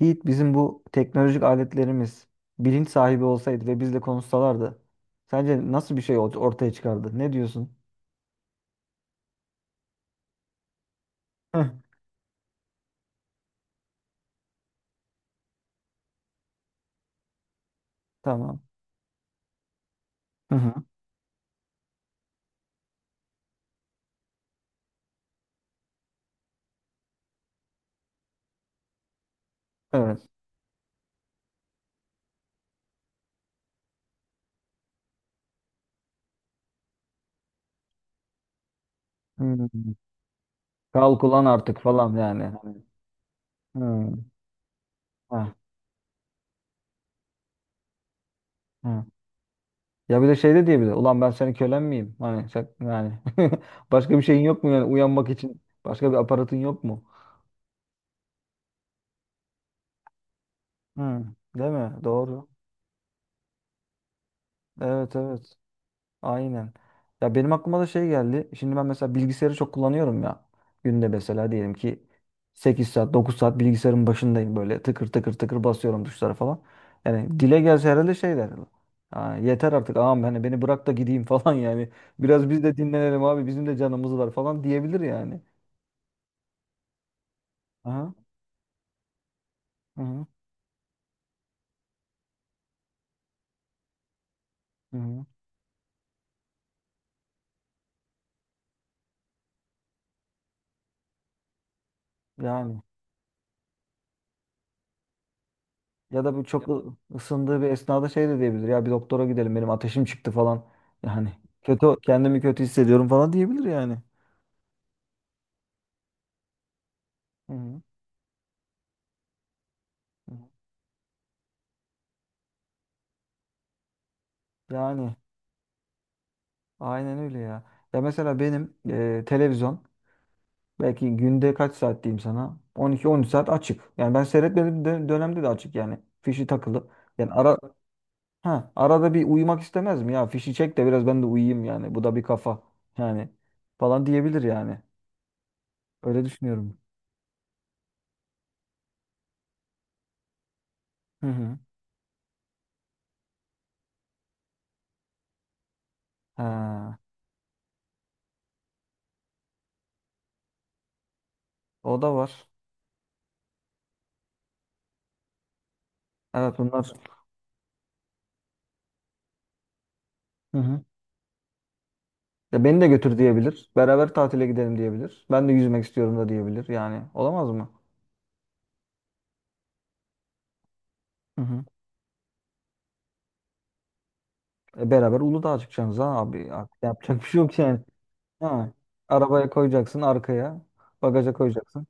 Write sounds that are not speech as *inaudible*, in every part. Yiğit bizim bu teknolojik aletlerimiz bilinç sahibi olsaydı ve bizle konuşsalardı sence nasıl bir şey ortaya çıkardı? Ne diyorsun? Heh. Tamam. Hı hı. Evet. Hmm. Kal kullan artık falan yani. Hani, hmm. Ha, ha. Ya bir de şey de diyebilir. Ulan ben senin kölen miyim? Hani yani *laughs* başka bir şeyin yok mu yani uyanmak için? Başka bir aparatın yok mu? Hmm. Değil mi? Doğru. Evet, evet. Aynen. Ya benim aklıma da şey geldi. Şimdi ben mesela bilgisayarı çok kullanıyorum ya. Günde mesela diyelim ki 8 saat, 9 saat bilgisayarın başındayım, böyle tıkır tıkır tıkır basıyorum tuşlara falan. Yani dile gelse herhalde şey der. "Ha, yeter artık ağam, hani beni bırak da gideyim *laughs* falan yani. Biraz biz de dinlenelim abi, bizim de canımız var" falan diyebilir yani. Aha, hı hı, hı hı. Yani ya da bu çok ısındığı bir esnada şey de diyebilir. Ya bir doktora gidelim, benim ateşim çıktı falan. Yani kötü, kendimi kötü hissediyorum falan diyebilir yani. Hı hı. Hı. Yani aynen öyle ya. Ya mesela benim televizyon belki günde kaç saat diyeyim sana? 12 13 saat açık. Yani ben seyretmediğim dönemde de açık yani. Fişi takılı. Yani ara ha, arada bir uyumak istemez mi ya? Fişi çek de biraz ben de uyuyayım yani. Bu da bir kafa yani falan diyebilir yani. Öyle düşünüyorum. Hı hı. Ha, o da var. Evet, bunlar. Hı hı. Ya beni de götür diyebilir. Beraber tatile gidelim diyebilir. Ben de yüzmek istiyorum da diyebilir. Yani olamaz mı? Hı hı. Beraber Uludağ'a çıkacaksınız ha abi. Artık yapacak bir şey yok yani. Ha. Arabaya koyacaksın arkaya. Bagaja koyacaksın.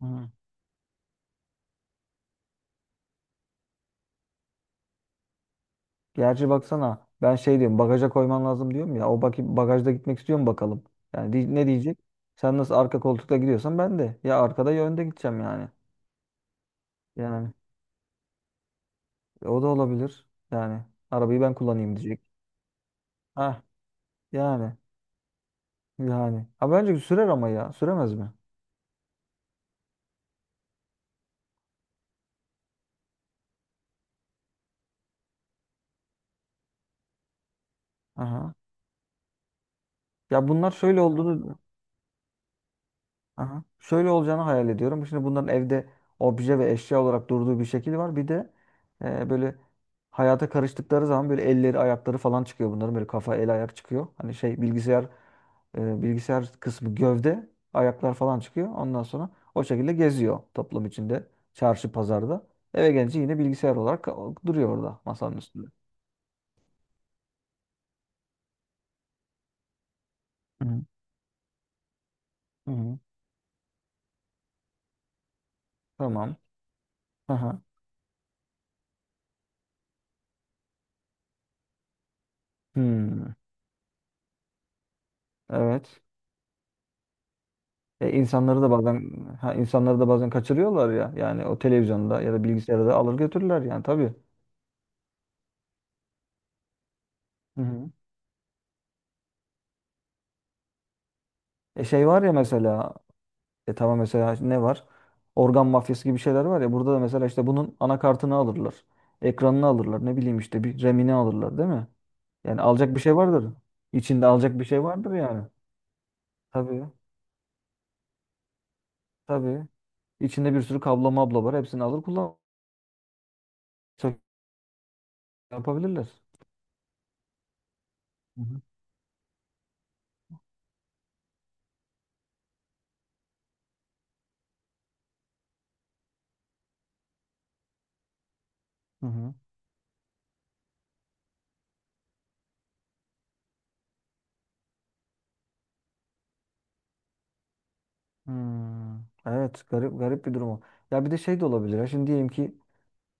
Hı. Gerçi baksana, ben şey diyorum, bagaja koyman lazım diyorum ya. O bakayım bagajda gitmek istiyor mu bakalım. Yani ne diyecek? Sen nasıl arka koltukta gidiyorsan ben de. Ya arkada ya önde gideceğim yani. Yani o da olabilir. Yani arabayı ben kullanayım diyecek. Ha yani yani. Ha, bence sürer ama ya. Süremez mi? Aha. Ya bunlar şöyle olduğunu. Aha. Şöyle olacağını hayal ediyorum. Şimdi bunların evde obje ve eşya olarak durduğu bir şekil var. Bir de böyle hayata karıştıkları zaman böyle elleri, ayakları falan çıkıyor bunların. Böyle kafa, el, ayak çıkıyor. Hani şey, bilgisayar, bilgisayar kısmı gövde, ayaklar falan çıkıyor. Ondan sonra o şekilde geziyor toplum içinde, çarşı, pazarda. Eve gelince yine bilgisayar olarak duruyor orada masanın üstünde. Hı hı. Hı hı. Tamam. Aha. Hmm. Evet. İnsanları da bazen ha, insanları da bazen kaçırıyorlar ya. Yani o televizyonda ya da bilgisayarda alır götürürler yani tabii. Hı hı. E şey var ya mesela, tamam mesela ne var? Organ mafyası gibi şeyler var ya, burada da mesela işte bunun anakartını alırlar. Ekranını alırlar. Ne bileyim işte bir Remini alırlar değil mi? Yani alacak bir şey vardır. İçinde alacak bir şey vardır yani. Tabii, tabii. İçinde bir sürü kablo mablo var. Hepsini alır kullan. Çok yapabilirler. Hı hı. Hı hı. Hmm, evet, garip garip bir durum o. Ya bir de şey de olabilir ya. Şimdi diyelim ki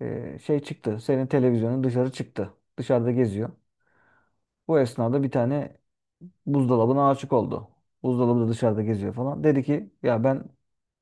şey çıktı. Senin televizyonun dışarı çıktı. Dışarıda geziyor. Bu esnada bir tane buzdolabına aşık oldu. Buzdolabı da dışarıda geziyor falan. Dedi ki ya ben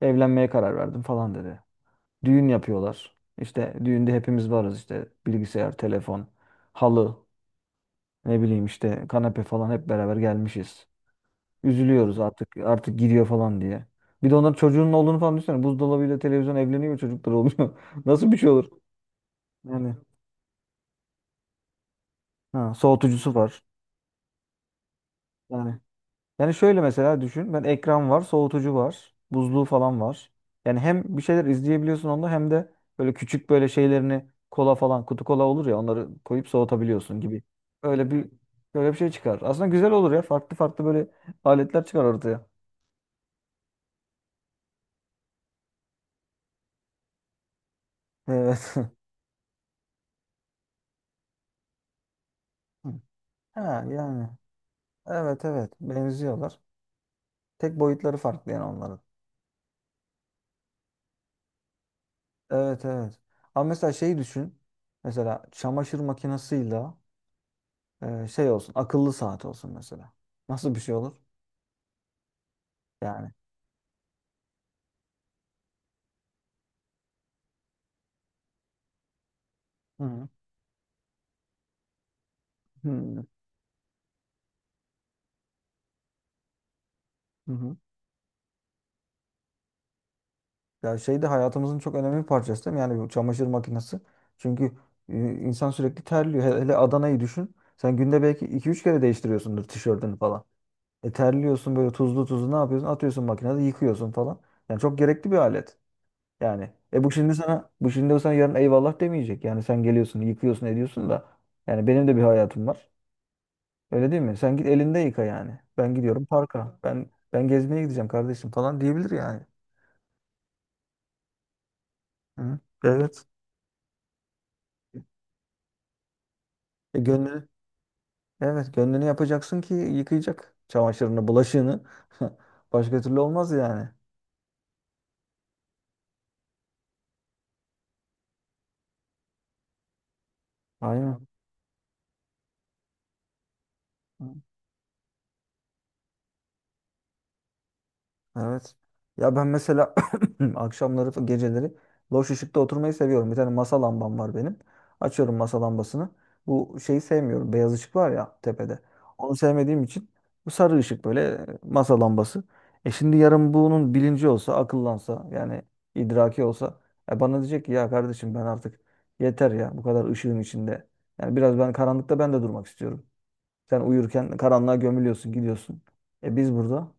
evlenmeye karar verdim falan dedi. Düğün yapıyorlar. İşte düğünde hepimiz varız, işte bilgisayar, telefon, halı, ne bileyim işte kanepe falan hep beraber gelmişiz. Üzülüyoruz artık gidiyor falan diye. Bir de onların çocuğunun olduğunu falan düşünsene. Buzdolabıyla televizyon evleniyor, çocuklar oluyor. *laughs* Nasıl bir şey olur? Yani ha, soğutucusu var. Yani, yani şöyle mesela düşün. Ben ekran var, soğutucu var, buzluğu falan var. Yani hem bir şeyler izleyebiliyorsun onda, hem de böyle küçük böyle şeylerini, kola falan, kutu kola olur ya, onları koyup soğutabiliyorsun gibi. Öyle bir, böyle bir şey çıkar. Aslında güzel olur ya. Farklı farklı böyle aletler çıkar ortaya. Evet. *laughs* Ha yani. Evet, evet, benziyorlar. Tek boyutları farklı yani onların. Evet, evet. Ama mesela şeyi düşün. Mesela çamaşır makinesiyle şey olsun, akıllı saat olsun mesela. Nasıl bir şey olur? Yani. Hı hı. Hı hı. Ya şey de hayatımızın çok önemli bir parçası değil mi? Yani bu çamaşır makinesi. Çünkü insan sürekli terliyor. Hele hele Adana'yı düşün. Sen günde belki 2 3 kere değiştiriyorsundur tişörtünü falan. E terliyorsun böyle tuzlu tuzlu, ne yapıyorsun? Atıyorsun, makinede yıkıyorsun falan. Yani çok gerekli bir alet. Yani bu şimdi o sana yarın eyvallah demeyecek. Yani sen geliyorsun, yıkıyorsun, ediyorsun da yani benim de bir hayatım var. Öyle değil mi? Sen git elinde yıka yani. Ben gidiyorum parka. Ben gezmeye gideceğim kardeşim falan diyebilir yani. Hı? Evet. E gönlünü, evet, gönlünü yapacaksın ki yıkayacak çamaşırını, bulaşığını. *laughs* Başka türlü olmaz yani. Aynen. Hı. Evet. Ya ben mesela *clears throat* akşamları, geceleri loş ışıkta oturmayı seviyorum. Bir tane masa lambam var benim. Açıyorum masa lambasını. Bu şeyi sevmiyorum. Beyaz ışık var ya tepede. Onu sevmediğim için bu sarı ışık böyle, masa lambası. E şimdi yarın bunun bilinci olsa, akıllansa, yani idraki olsa, bana diyecek ki ya kardeşim ben artık, yeter ya bu kadar ışığın içinde. Yani biraz ben karanlıkta, ben de durmak istiyorum. Sen uyurken karanlığa gömülüyorsun, gidiyorsun. E biz burada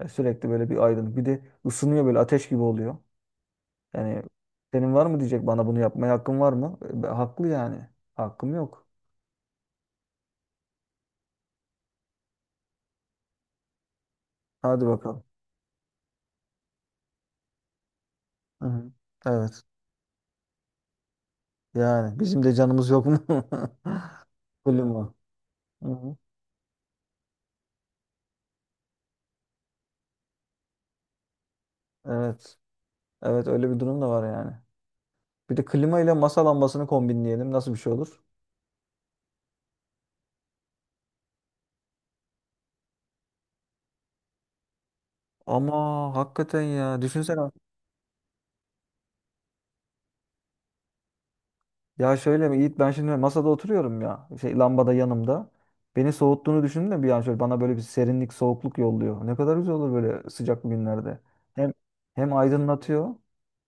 yani sürekli böyle bir aydınlık. Bir de ısınıyor, böyle ateş gibi oluyor. Yani senin var mı diyecek bana, bunu yapmaya hakkın var mı? Haklı yani. Hakkım yok. Hadi bakalım. Hı hı. Evet. Yani bizim de canımız yok mu? *laughs* Klima. Hı hı. Evet. Evet, öyle bir durum da var yani. Bir de klima ile masa lambasını kombinleyelim. Nasıl bir şey olur? Ama hakikaten ya. Düşünsene. Ya şöyle mi Yiğit, ben şimdi masada oturuyorum ya, şey lambada yanımda. Beni soğuttuğunu düşündüm de bir an, şöyle bana böyle bir serinlik, soğukluk yolluyor. Ne kadar güzel olur böyle sıcak günlerde. Hem hem aydınlatıyor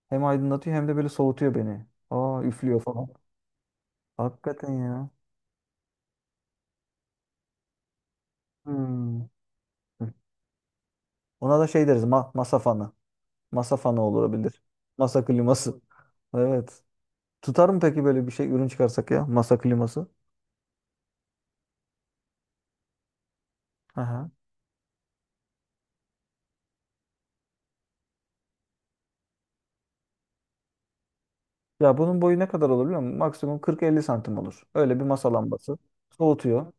hem aydınlatıyor hem de böyle soğutuyor beni. Aa üflüyor falan. Hakikaten ya. Hmm. Ona da şey deriz, masa fanı. Masa fanı olabilir. Masa kliması. Evet. Tutar mı peki böyle bir şey, ürün çıkarsak, ya masa kliması? Aha. Ya bunun boyu ne kadar olur biliyor musun? Maksimum 40-50 santim olur. Öyle bir masa lambası. Soğutuyor.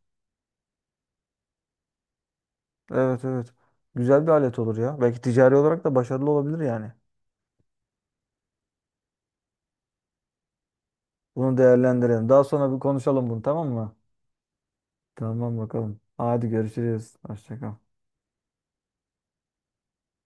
Evet, evet. Güzel bir alet olur ya. Belki ticari olarak da başarılı olabilir yani. Bunu değerlendirelim. Daha sonra bir konuşalım bunu, tamam mı? Tamam bakalım. Hadi görüşürüz. Hoşça kal.